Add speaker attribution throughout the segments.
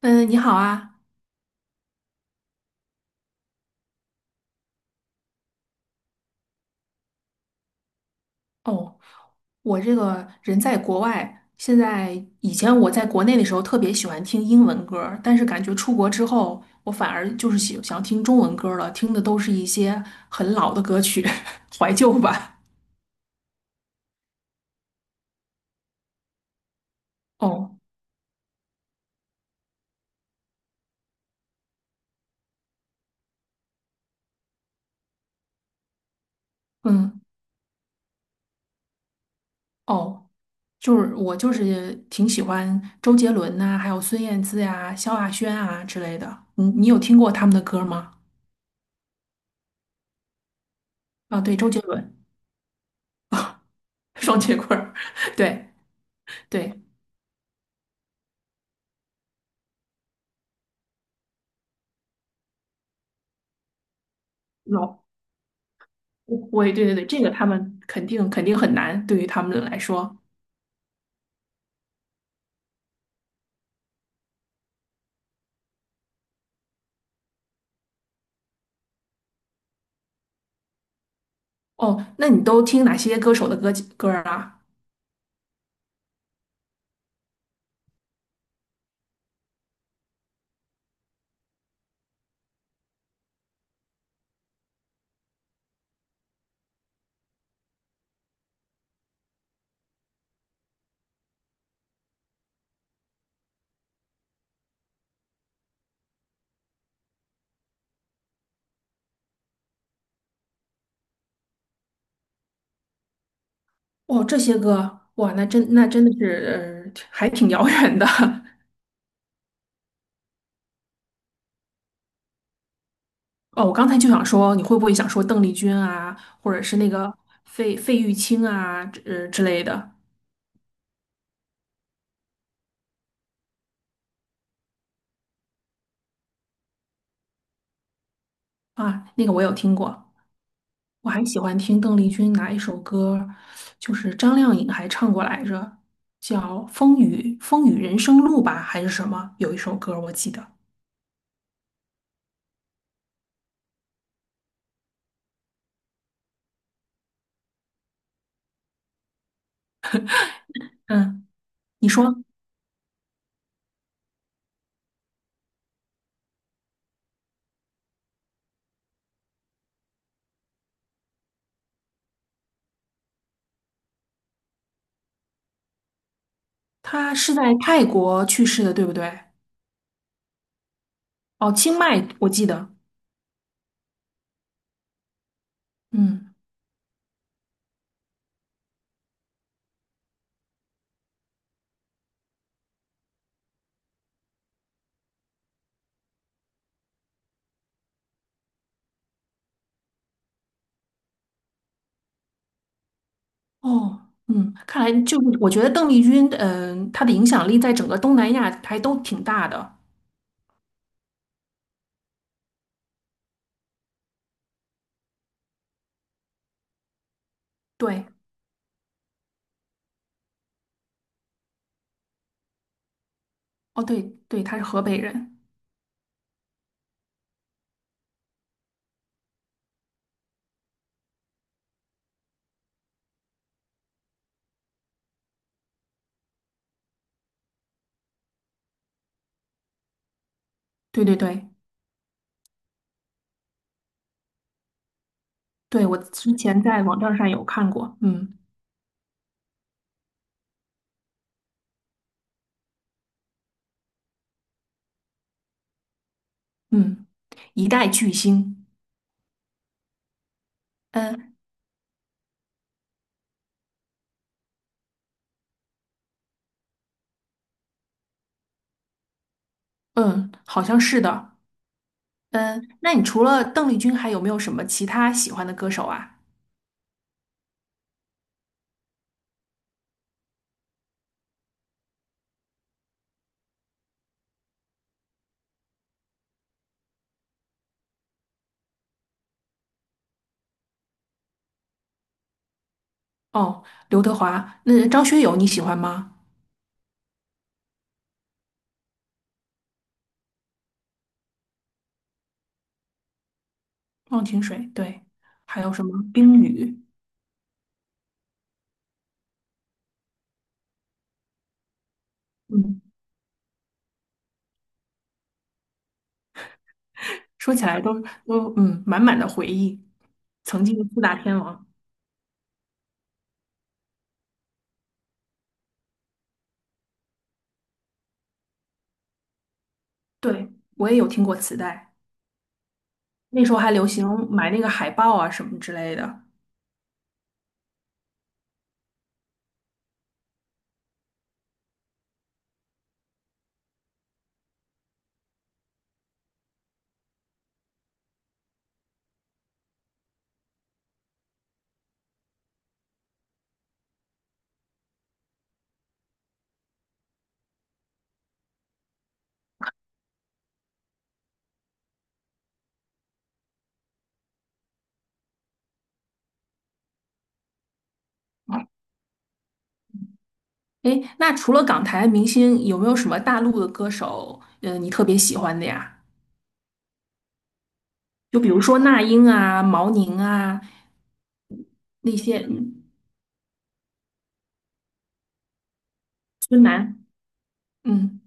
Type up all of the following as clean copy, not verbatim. Speaker 1: 嗯，你好啊。哦，我这个人在国外，现在以前我在国内的时候特别喜欢听英文歌儿，但是感觉出国之后，我反而就是喜想听中文歌儿了，听的都是一些很老的歌曲，怀旧吧。哦，嗯，哦，就是我就是挺喜欢周杰伦呐、还有孙燕姿呀、萧亚轩啊之类的。你有听过他们的歌吗？啊，对，周杰伦，双截棍儿，对对。不会，对对对，这个他们肯定很难，对于他们来说。哦，那你都听哪些歌手的歌儿啊？哦，这些歌，哇，那真的是，还挺遥远的。哦，我刚才就想说，你会不会想说邓丽君啊，或者是那个费玉清啊，之类的啊？那个我有听过，我还喜欢听邓丽君哪一首歌，就是张靓颖还唱过来着，叫《风雨人生路》吧，还是什么？有一首歌我记得。嗯，你说他是在泰国去世的，对不对？哦，清迈，我记得。嗯，哦，嗯，看来就是我觉得邓丽君，嗯、她的影响力在整个东南亚还都挺大的。对，哦，对对，她是河北人。对对对对，我之前在网站上有看过。嗯嗯，一代巨星。嗯嗯，好像是的。嗯，那你除了邓丽君，还有没有什么其他喜欢的歌手啊？哦，刘德华，那张学友你喜欢吗？忘情水，对，还有什么冰雨，嗯，说起来都满满的回忆，曾经的四大天王，对，我也有听过磁带，那时候还流行买那个海报啊什么之类的。诶，那除了港台明星，有没有什么大陆的歌手，你特别喜欢的呀？就比如说那英啊、毛宁啊那些，嗯，孙楠，嗯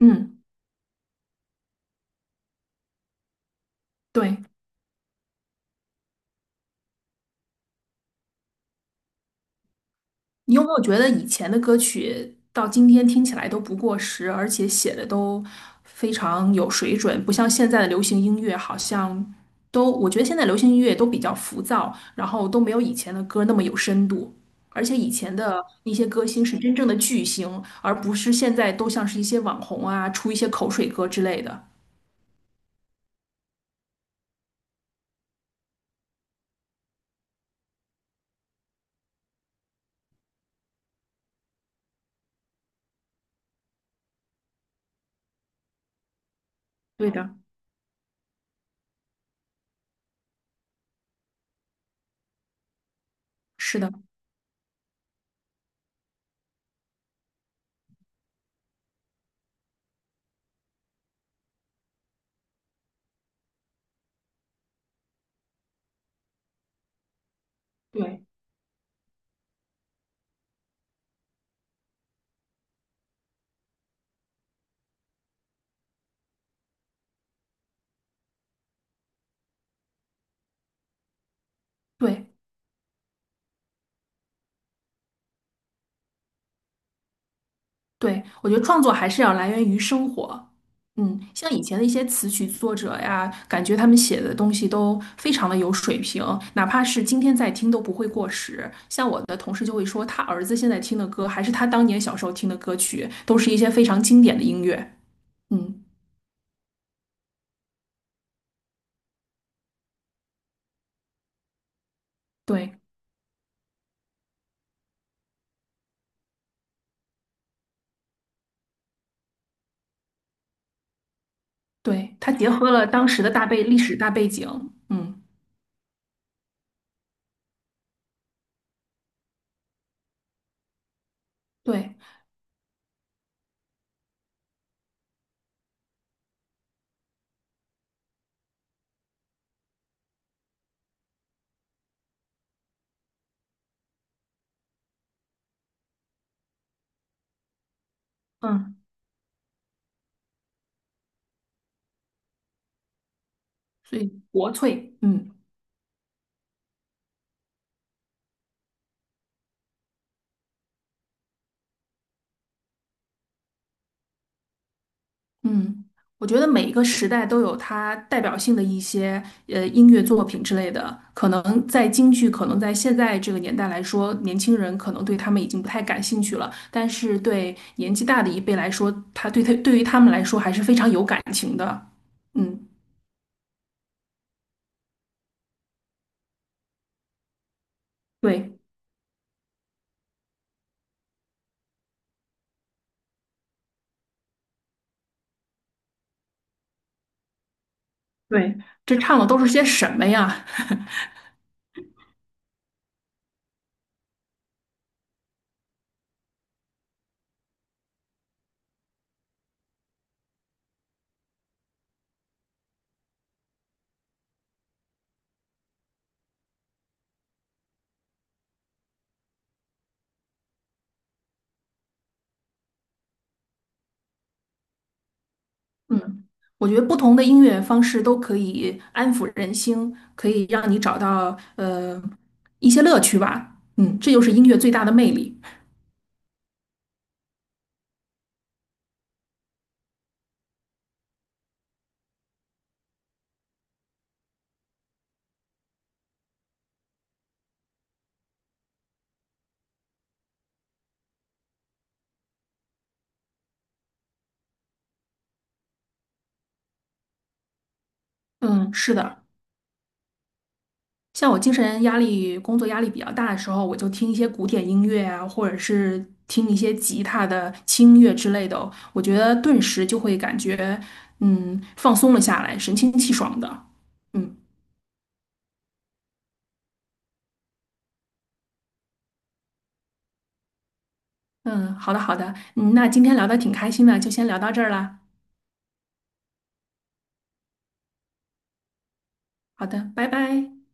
Speaker 1: 嗯，对，你有没有觉得以前的歌曲到今天听起来都不过时，而且写的都非常有水准，不像现在的流行音乐，好像都，我觉得现在流行音乐都比较浮躁，然后都没有以前的歌那么有深度。而且以前的那些歌星是真正的巨星，而不是现在都像是一些网红啊，出一些口水歌之类的。对的，是的，对对。对，我觉得创作还是要来源于生活。嗯，像以前的一些词曲作者呀，感觉他们写的东西都非常的有水平，哪怕是今天在听都不会过时。像我的同事就会说，他儿子现在听的歌，还是他当年小时候听的歌曲，都是一些非常经典的音乐。嗯，对对，他结合了当时的历史大背景。嗯，对，嗯，所以国粹，嗯。嗯，我觉得每一个时代都有它代表性的一些音乐作品之类的，可能在京剧，可能在现在这个年代来说，年轻人可能对他们已经不太感兴趣了，但是对年纪大的一辈来说，他对于他们来说还是非常有感情的。嗯，对对，这唱的都是些什么呀？嗯，我觉得不同的音乐方式都可以安抚人心，可以让你找到一些乐趣吧。嗯，这就是音乐最大的魅力。嗯，是的，像我精神压力、工作压力比较大的时候，我就听一些古典音乐啊，或者是听一些吉他的轻音乐之类的哦，我觉得顿时就会感觉，嗯，放松了下来，神清气爽的。嗯嗯，好的好的，嗯，那今天聊的挺开心的，就先聊到这儿啦。好的，拜拜。